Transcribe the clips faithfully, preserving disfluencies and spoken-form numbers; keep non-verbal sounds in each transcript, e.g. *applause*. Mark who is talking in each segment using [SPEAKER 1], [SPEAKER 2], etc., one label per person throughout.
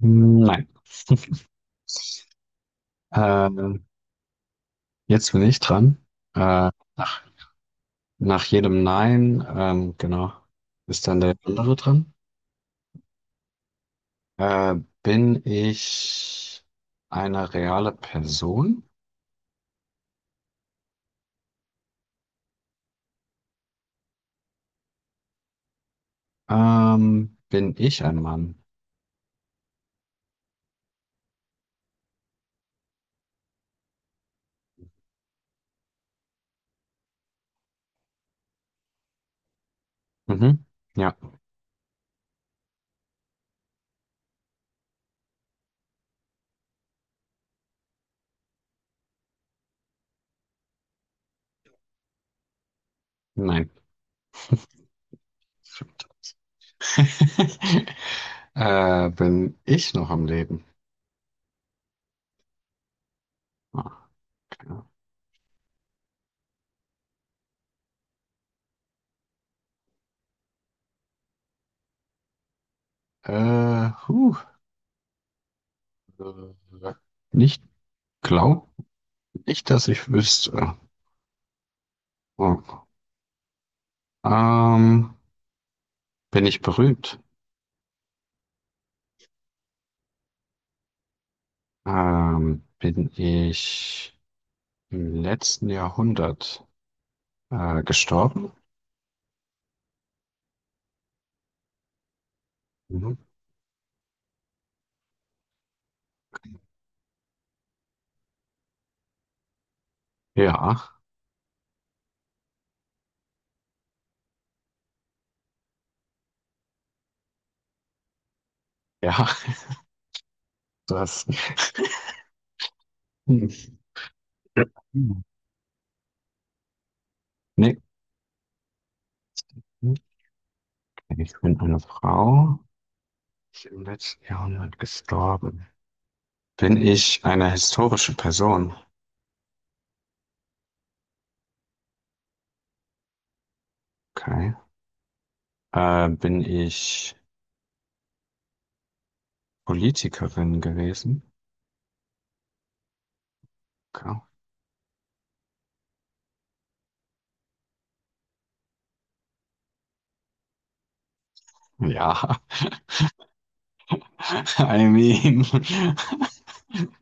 [SPEAKER 1] Nein. *laughs* Ähm, jetzt bin ich dran. Äh, nach, nach jedem Nein, ähm, genau, ist dann der andere dran. Äh, bin ich eine reale Person? Ähm, bin ich ein Mann? Mhm. Ja, nein. Stimmt. *laughs* Äh, bin ich noch am Leben? Ah, okay. Äh, huh. Äh, Nicht glaub nicht, dass ich wüsste. Oh. Ähm, bin ich berühmt? Ähm, bin ich im letzten Jahrhundert äh, gestorben? Mhm. Ja, ja, *laughs* das. Nee, okay, ich bin eine Frau. Ist im letzten Jahrhundert gestorben. Bin ich eine historische Person? Okay. Äh, bin ich Politikerin gewesen? Okay. Ja, *laughs* I mean, *laughs*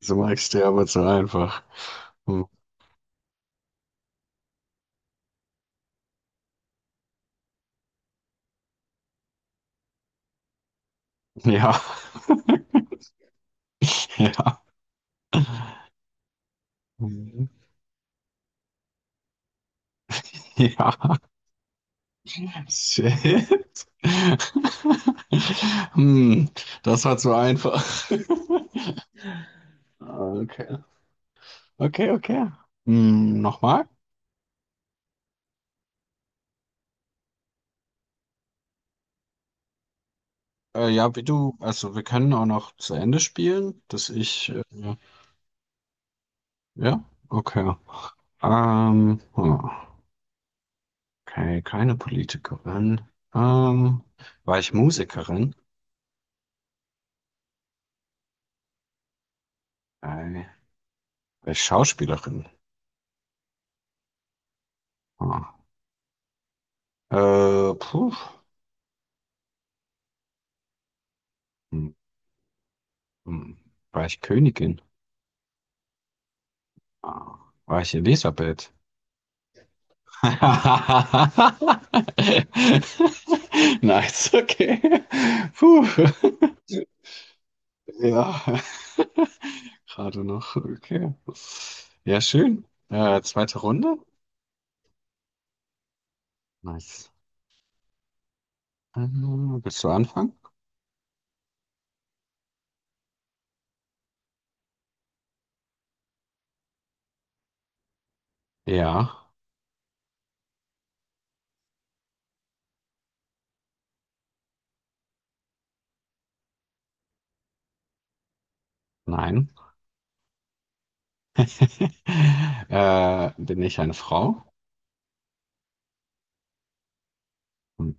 [SPEAKER 1] so magst du aber so einfach. Hm. Ja, *laughs* ja. Mhm. Ja, shit. *laughs* Hm, das war zu einfach. *laughs* Okay, okay, okay. Hm, nochmal? Äh, ja, wie du, also wir können auch noch zu Ende spielen, dass ich, äh, ja, okay. Ähm, hm, okay, keine Politikerin. Ähm, war ich Musikerin? Äh, war ich Schauspielerin? Hm. Äh, puh. Hm. Hm, war ich Königin? Ah, war ich Elisabeth? *laughs* Nice, okay. Puh. Ja, gerade noch. Okay. Ja, schön. Äh, zweite Runde. Nice. Ähm, willst du anfangen? Ja, nein. *laughs* Äh, bin ich eine Frau? Hm,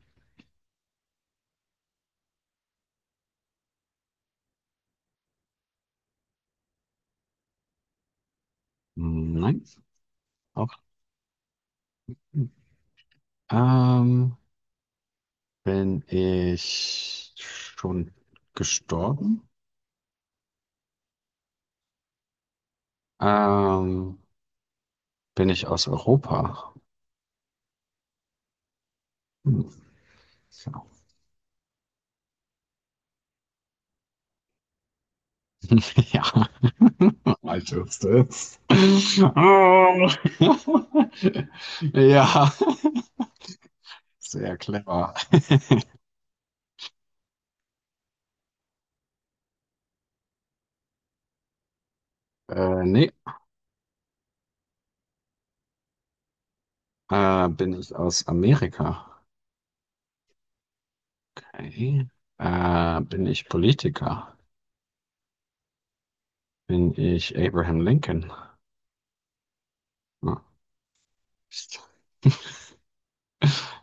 [SPEAKER 1] nein, auch. Hm. Ähm, bin ich schon gestorben? Ähm, bin ich aus Europa? Hm. *laughs* Ja, ich wusste es. Ähm, *laughs* Ja, sehr clever. Äh, nee, äh, bin ich aus Amerika? Okay. Äh, bin ich Politiker? Bin ich Abraham Lincoln? Hm. *laughs*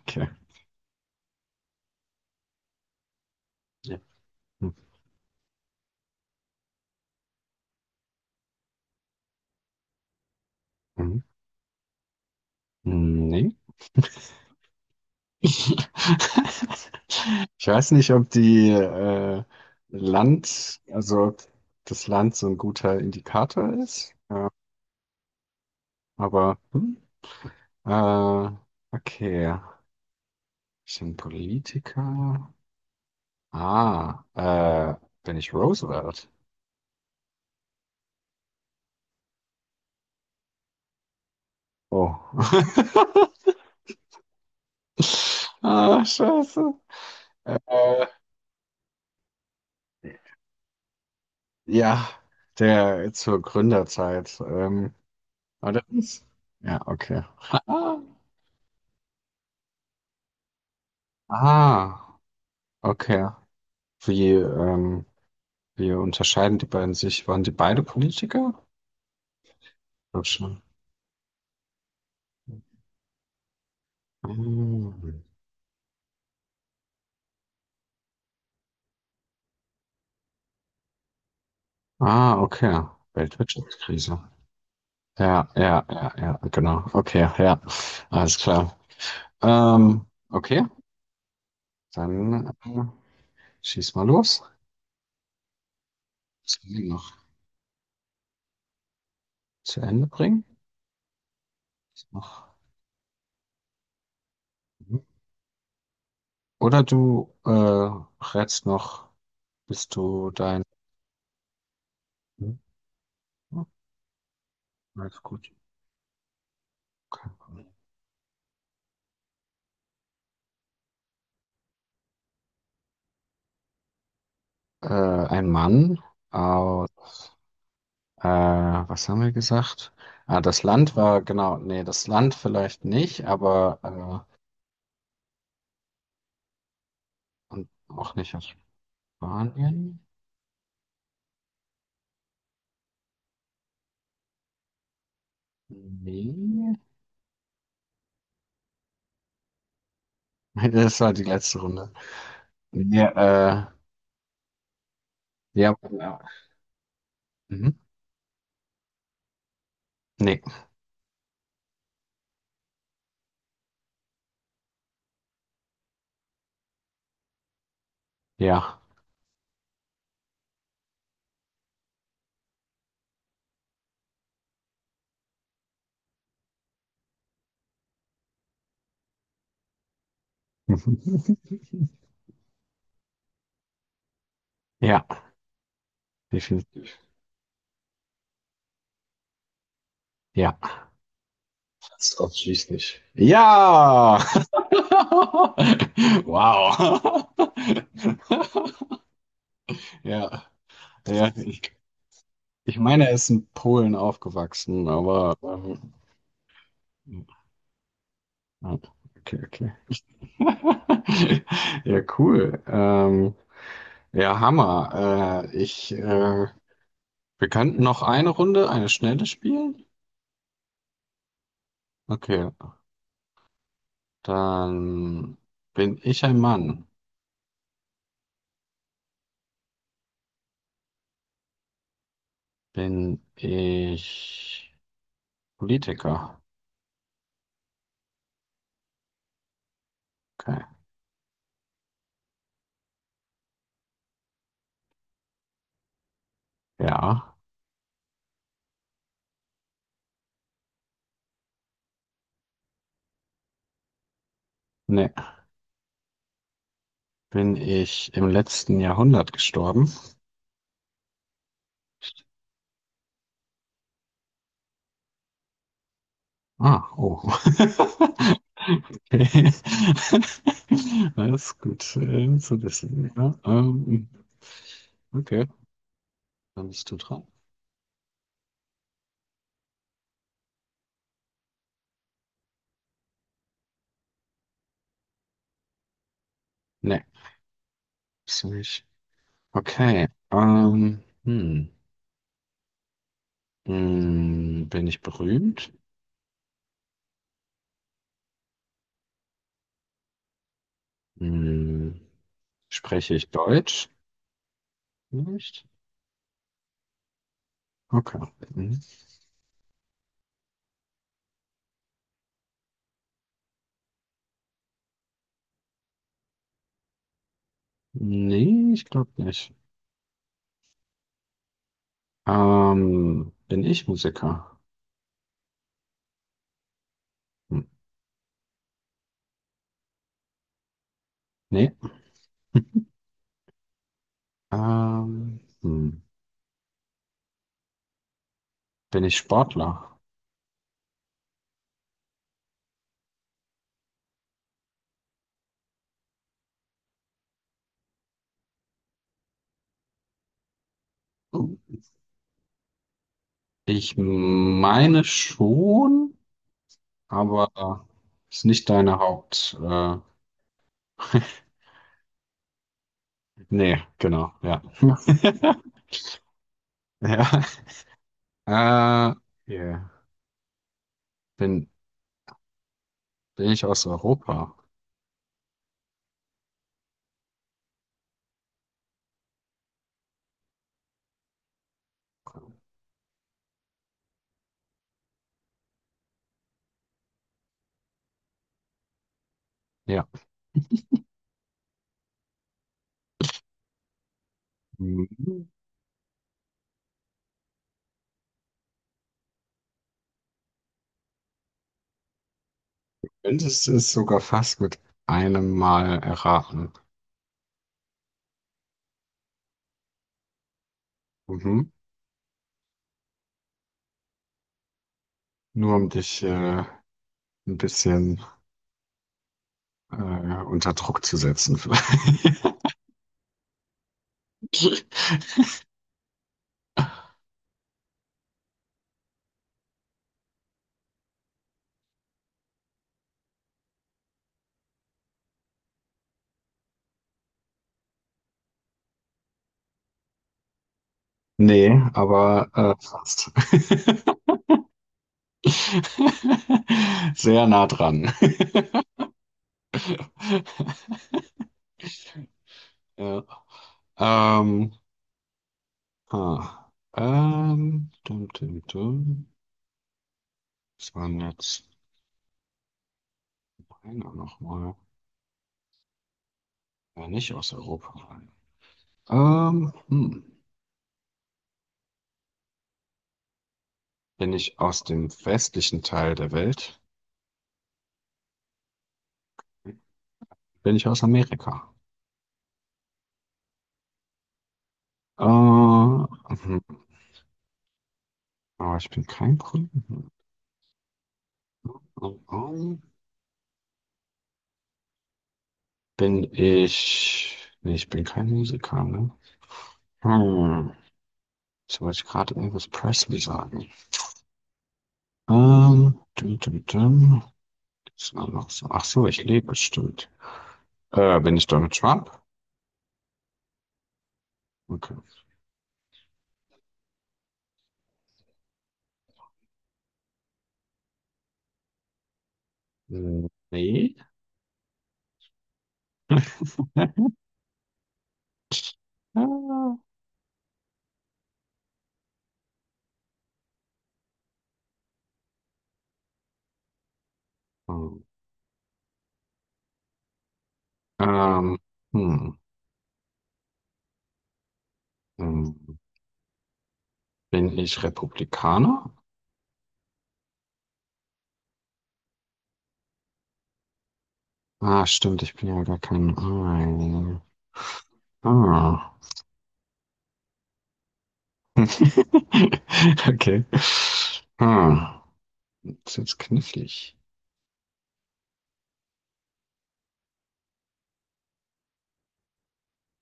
[SPEAKER 1] Okay. Ja. Mhm. Nee. *laughs* Ich weiß nicht, ob die äh, Land, also ob das Land so ein guter Indikator ist, äh, aber hm, äh, okay, ich bin Politiker. Ah, äh, bin ich Roosevelt? Oh. *laughs* Ah, scheiße. Äh, ja, der zur Gründerzeit. Ähm, aber das ist, ja, okay. *laughs* Ah, okay. Wie, ähm, wie unterscheiden die beiden sich? Waren die beide Politiker? Glaub schon. Hm. Ah, okay. Weltwirtschaftskrise. Ja, ja, ja, ja, genau. Okay, ja. Alles klar. Ähm, okay, dann äh, schieß mal los. Das kann ich noch zu Ende bringen. Ist noch. Oder du äh, rätst noch, bist du dein. Hm? Ja, alles gut. Okay. Äh, ein Mann aus. Äh, was haben wir gesagt? Ah, das Land war, genau, nee, das Land vielleicht nicht, aber äh, und auch nicht aus Spanien. Nee. *laughs* Das war die letzte Runde. Ja, äh, ja, ja. Mhm. Nee, ja. *laughs* Ja, definitiv. Ja. Das ausschließlich. Ja! *laughs* Wow. *laughs* Ja, ja, ich, ich meine, er ist in Polen aufgewachsen, aber ähm, ah, okay, okay. *laughs* Ja, cool. Ähm, ja, Hammer. Äh, ich, äh, wir könnten noch eine Runde, eine schnelle spielen. Okay, dann bin ich ein Mann. Bin ich Politiker? Okay. Ja. Nee. Bin ich im letzten Jahrhundert gestorben? Ah, oh. *laughs* Okay. *laughs* Alles gut äh, zu wissen. Ja, ähm, okay, dann bist du dran. Nee, bist du nicht. Okay, ähm, hm. Hm, bin ich berühmt? Hm, spreche ich Deutsch? Nicht? Okay. Hm. Nee, ich glaube nicht. Ähm, bin ich Musiker? Hm. Nee. Ähm, hm. Bin ich Sportler? Oh. Ich meine schon, aber ist nicht deine Haupt. Äh, nee, genau, ja. *laughs* Ja. Äh, yeah. Bin, bin ich aus Europa? Ja. Mhm. Könntest du es sogar fast mit einem Mal erraten. Mhm. Nur um dich äh, ein bisschen äh, unter Druck zu setzen, vielleicht. *laughs* Nee, aber äh, fast. *laughs* Sehr nah dran. *laughs* Ja. Ähm, ah. Ähm, dum, dum, dum. Was waren jetzt einer nochmal? Ja, nicht aus Europa. Ähm, hm. Bin ich aus dem westlichen Teil der Welt? Bin ich aus Amerika? Äh, hm, aber ich bin kein Politiker. Bin ich. Nee, ich bin kein Musiker, ne? Hm. Jetzt wollte ich gerade Elvis Presley sagen. Ähm, dum, dum, dum. Das war noch so. Ach so, ich lebe, stimmt. Äh, bin ich Donald Trump? Okay. Hm, nee. *laughs* Ah. Ähm, hm. hm. hm. Bin ich Republikaner? Ah, stimmt, ich bin ja gar kein. Ah. Ah. *laughs* Okay. Ah. Ist jetzt knifflig.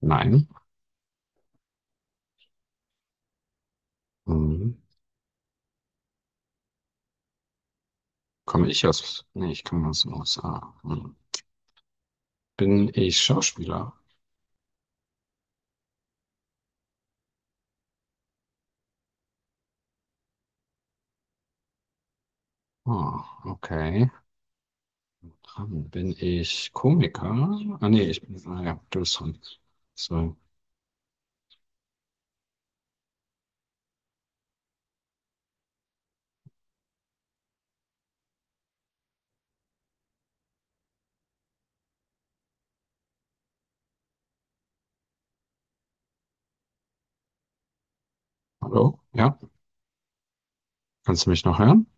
[SPEAKER 1] Nein. Hm. Komme ich aus. Nee, ich komme aus den U S A. Hm. Bin ich Schauspieler? Ah, okay. Dann bin ich Komiker? Ah, nee, ich bin. Ah, ja, du bist dran. So. Hallo? Ja? Kannst du mich noch hören?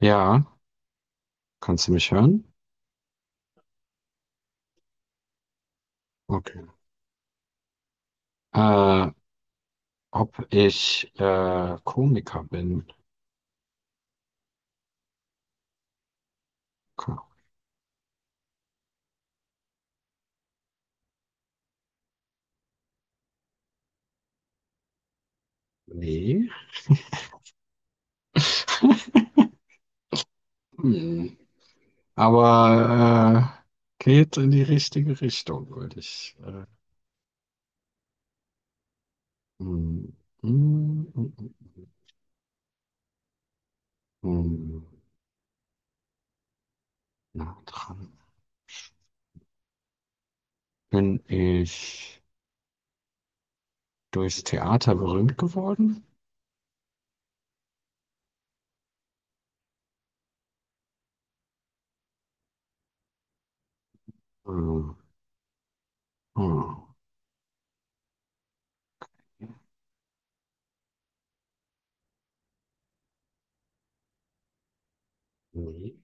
[SPEAKER 1] Ja. Kannst du mich hören? Okay. Äh, ob ich äh, Komiker bin? Ko- Nee. Hm. Hm. Aber äh, geht in die richtige Richtung, würde ich. Äh, hm, hm, hm, hm, hm, nah dran. Bin ich durchs Theater berühmt geworden? Hm, hm, nee.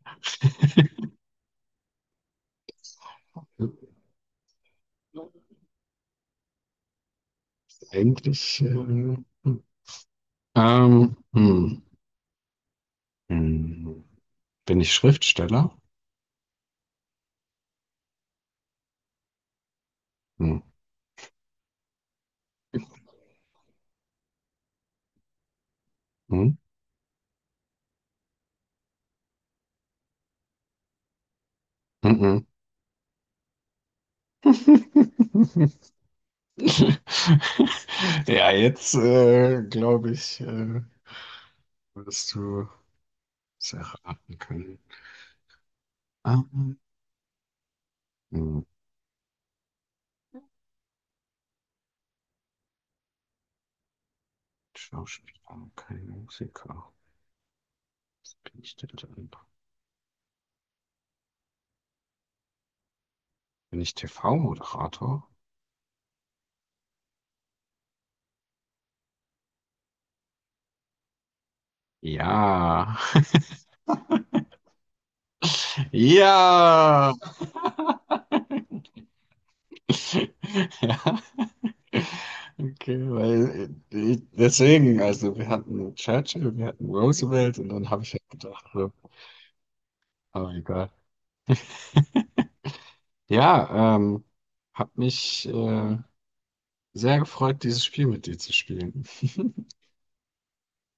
[SPEAKER 1] Eigentlich. Äh, hm. ähm, hm, hm. Bin ich Schriftsteller? Hm. Hm? Mhm. *laughs* Ja, jetzt äh, glaube ich, äh, wirst du es erraten können. Ah, hm, Schauspieler, kein Musiker. Was bin ich denn dann? Bin ich T V-Moderator? Ja. *laughs* Ja. *laughs* Ja. Okay, weil ich, deswegen, also wir hatten Churchill, wir hatten Roosevelt und dann habe ich halt gedacht, so, aber egal. Ja, ähm, hat mich äh, sehr gefreut, dieses Spiel mit dir zu spielen.